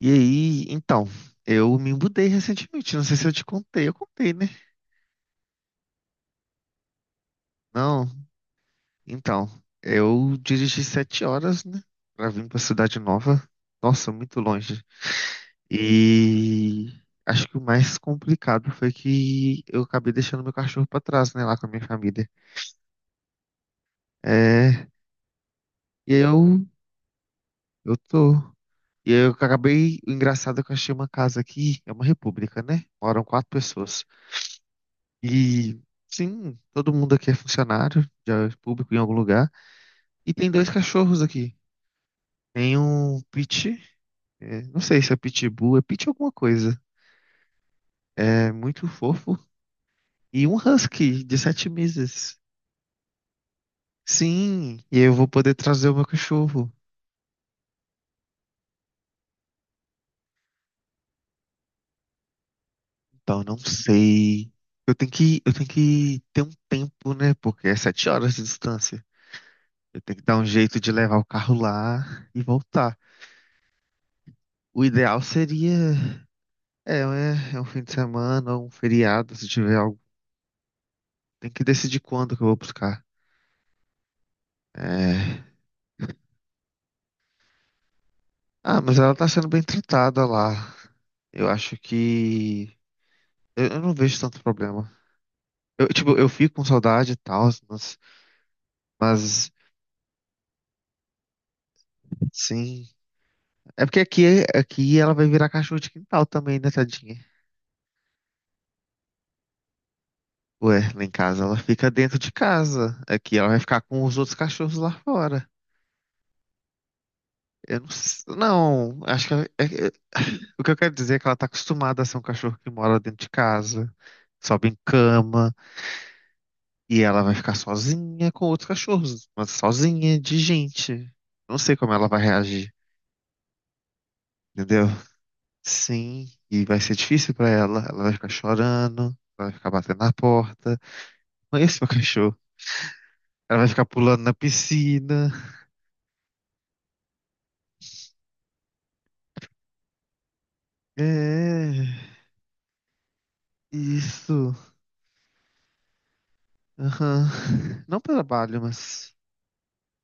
E aí, então, eu me mudei recentemente. Não sei se eu te contei, eu contei, né? Não, então, eu dirigi 7 horas, né? Pra vir pra cidade nova. Nossa, muito longe. E acho que o mais complicado foi que eu acabei deixando meu cachorro pra trás, né? Lá com a minha família. É, e eu tô. E eu acabei. O engraçado é que eu achei uma casa aqui, é uma república, né? Moram quatro pessoas. E sim, todo mundo aqui é funcionário, já é público em algum lugar. E tem dois cachorros aqui. Tem um Pit, é, não sei se é Pitbull, é Pit alguma coisa. É muito fofo. E um Husky de 7 meses. Sim, e eu vou poder trazer o meu cachorro. Então, não sei. Eu tenho que ter um tempo, né? Porque é 7 horas de distância. Eu tenho que dar um jeito de levar o carro lá e voltar. O ideal seria é um fim de semana, ou um feriado, se tiver algo. Tem que decidir quando que eu vou buscar. É. Ah, mas ela tá sendo bem tratada lá. Eu acho que. Eu não vejo tanto problema. Eu, tipo, eu fico com saudade e tal, mas sim. É porque aqui ela vai virar cachorro de quintal também, né, tadinha? Ué, lá em casa ela fica dentro de casa. Aqui ela vai ficar com os outros cachorros lá fora. Eu não, não, acho que o que eu quero dizer é que ela tá acostumada a ser um cachorro que mora dentro de casa, sobe em cama, e ela vai ficar sozinha com outros cachorros, mas sozinha de gente. Não sei como ela vai reagir, entendeu? Sim, e vai ser difícil pra ela. Ela vai ficar chorando, ela vai ficar batendo na porta. Mas esse é o cachorro. Ela vai ficar pulando na piscina. É, isso. Aham. Não pelo trabalho, mas.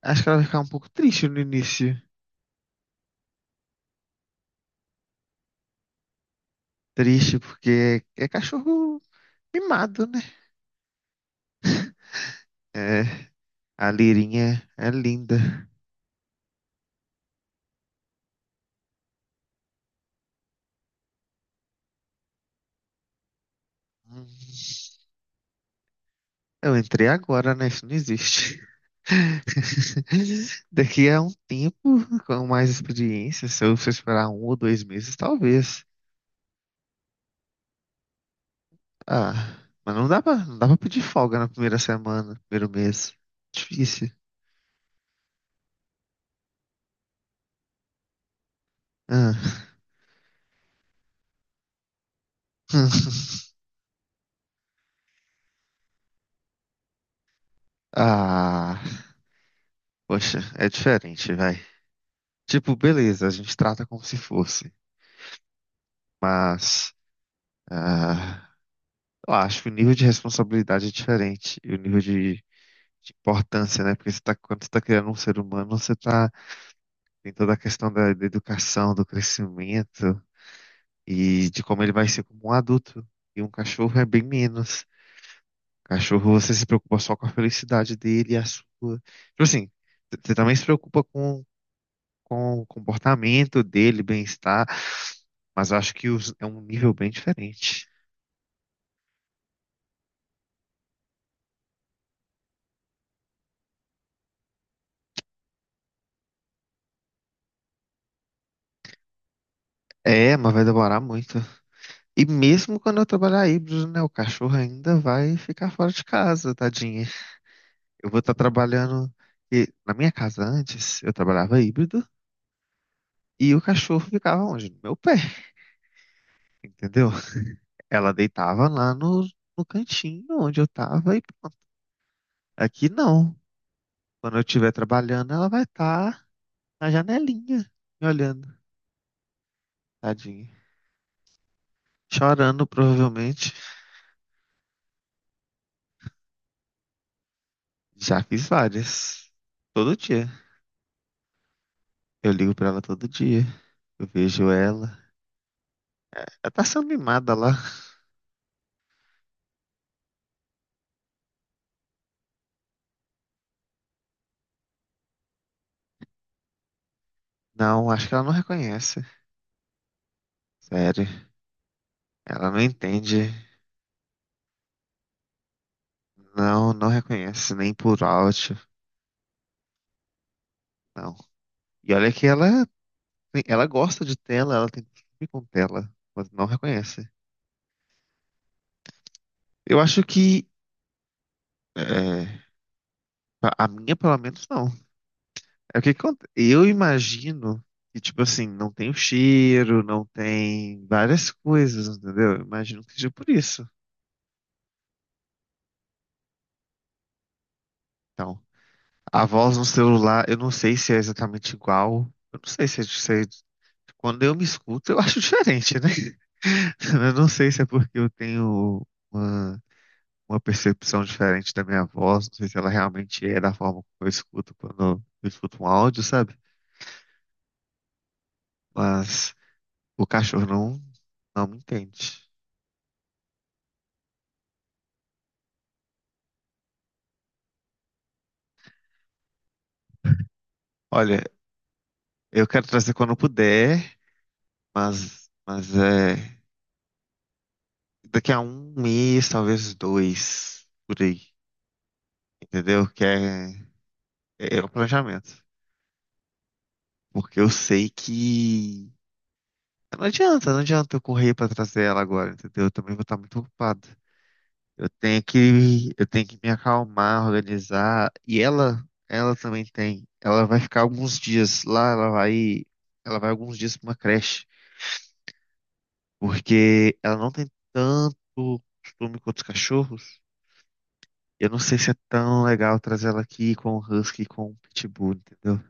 Acho que ela vai ficar um pouco triste no início. Triste porque é cachorro mimado, né? É, a Lirinha é linda. Hum, Eu entrei agora, né? Isso não existe. Daqui a um tempo, com mais experiência, se eu for esperar 1 ou 2 meses, talvez. Ah, mas não dá pra pedir folga na primeira semana, primeiro mês. Difícil. Ah, ah, poxa, é diferente, vai. Tipo, beleza, a gente trata como se fosse, mas ah, eu acho que o nível de responsabilidade é diferente e o nível de, importância, né? Porque você tá, quando você está criando um ser humano, você tá, tem toda a questão da educação, do crescimento e de como ele vai ser como um adulto. E um cachorro é bem menos. Cachorro, você se preocupa só com a felicidade dele e a sua. Tipo assim, você também se preocupa com o comportamento dele, bem-estar, mas eu acho que é um nível bem diferente. É, mas vai demorar muito. E mesmo quando eu trabalhar híbrido, né, o cachorro ainda vai ficar fora de casa, tadinha. Eu vou estar trabalhando e na minha casa antes, eu trabalhava híbrido e o cachorro ficava onde? No meu pé, entendeu? Ela deitava lá no cantinho onde eu tava e pronto. Aqui não. Quando eu estiver trabalhando, ela vai estar na janelinha, me olhando, tadinha. Chorando, provavelmente. Já fiz várias. Todo dia. Eu ligo pra ela todo dia. Eu vejo ela. Ela tá sendo mimada lá. Não, acho que ela não reconhece. Sério. Ela não entende. Não, não reconhece. Nem por áudio. Não. E olha que ela gosta de tela. Ela tem costume com tela. Mas não reconhece. Eu acho que. É, a minha, pelo menos, não. Eu imagino que, tipo assim, não tem o cheiro, não tem várias coisas, entendeu? Eu imagino que seja por isso. Então, a voz no celular, eu não sei se é exatamente igual. Eu não sei se é, se é- quando eu me escuto, eu acho diferente, né? Eu não sei se é porque eu tenho uma, uma, percepção diferente da minha voz, não sei se ela realmente é da forma como eu escuto quando eu escuto um áudio, sabe? Mas o cachorro não me entende. Olha, eu quero trazer quando puder, mas é daqui a um mês, talvez dois, por aí, entendeu? Que é o planejamento. Porque eu sei que não adianta, não adianta eu correr pra trazer ela agora, entendeu? Eu também vou estar muito ocupado. Eu tenho que me acalmar, organizar. E ela também tem. Ela vai ficar alguns dias lá, ela vai alguns dias pra uma creche. Porque ela não tem tanto costume com outros cachorros. Eu não sei se é tão legal trazer ela aqui com o Husky e com o Pitbull, entendeu?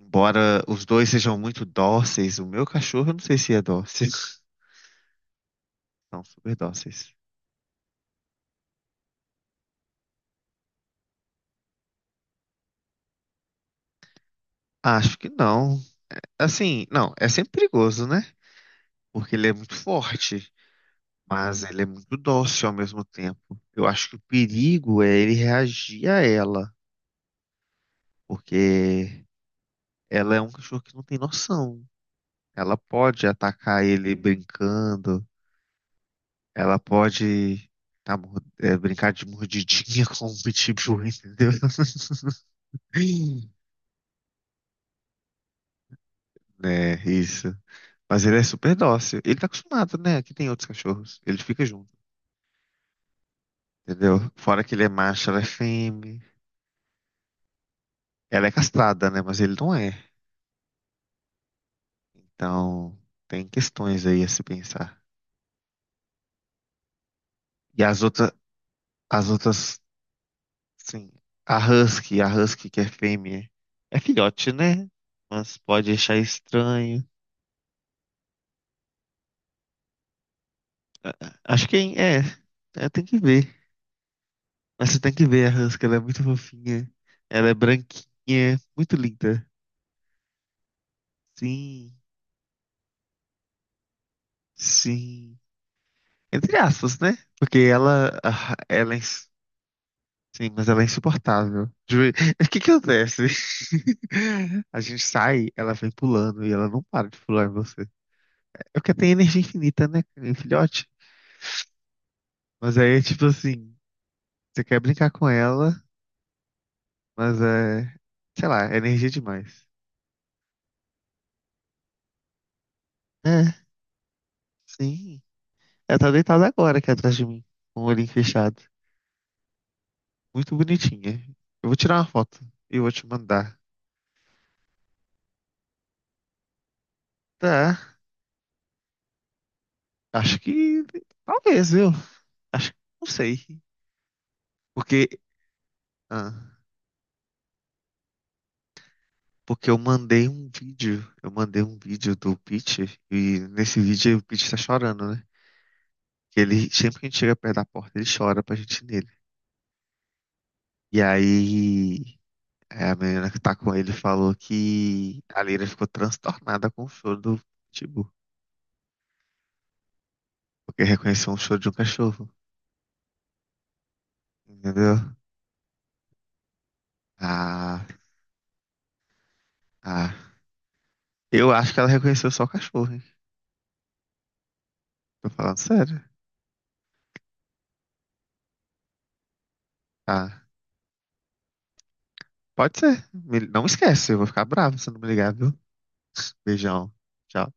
Embora os dois sejam muito dóceis, o meu cachorro eu não sei se é dócil. São super dóceis. Acho que não. Assim, não, é sempre perigoso, né? Porque ele é muito forte, mas ele é muito dócil ao mesmo tempo. Eu acho que o perigo é ele reagir a ela, porque ela é um cachorro que não tem noção. Ela pode atacar ele brincando, ela pode brincar de mordidinha com o pitbull, entendeu? É, isso. Mas ele é super dócil. Ele tá acostumado, né? Aqui tem outros cachorros. Ele fica junto, entendeu? Fora que ele é macho, ela é fêmea. Ela é castrada, né? Mas ele não é. Então, tem questões aí a se pensar. E as outras Sim. A Husky que é fêmea. É filhote, né? Mas pode achar estranho. Acho que tem que ver. Mas você tem que ver a Husky, ela é muito fofinha. Ela é branquinha, muito linda. Sim, sim. Entre aspas, né? Porque ela, ah, ela é, ins- sim, mas ela é insuportável. O que que acontece? A gente sai, ela vem pulando e ela não para de pular em você. É porque tem energia infinita, né, filhote? Mas aí, tipo assim, você quer brincar com ela, mas é, sei lá, é energia demais. É, sim. Ela tá deitada agora aqui atrás de mim, com o olhinho fechado. Muito bonitinha. Eu vou tirar uma foto e eu vou te mandar. Tá. Acho que talvez, viu? Acho que não sei. Porque, ah, porque eu mandei um vídeo. Eu mandei um vídeo do Pete e nesse vídeo o Pete tá chorando, né? Que ele sempre que a gente chega perto da porta, ele chora pra gente ir nele. E aí, a menina que tá com ele falou que a Lira ficou transtornada com o choro do Pitbull, porque reconheceu um choro de um cachorro, entendeu? Ah, ah. Eu acho que ela reconheceu só o cachorro, hein? Tô falando sério. Ah, pode ser. Não esquece, eu vou ficar bravo se não me ligar, viu? Beijão. Tchau.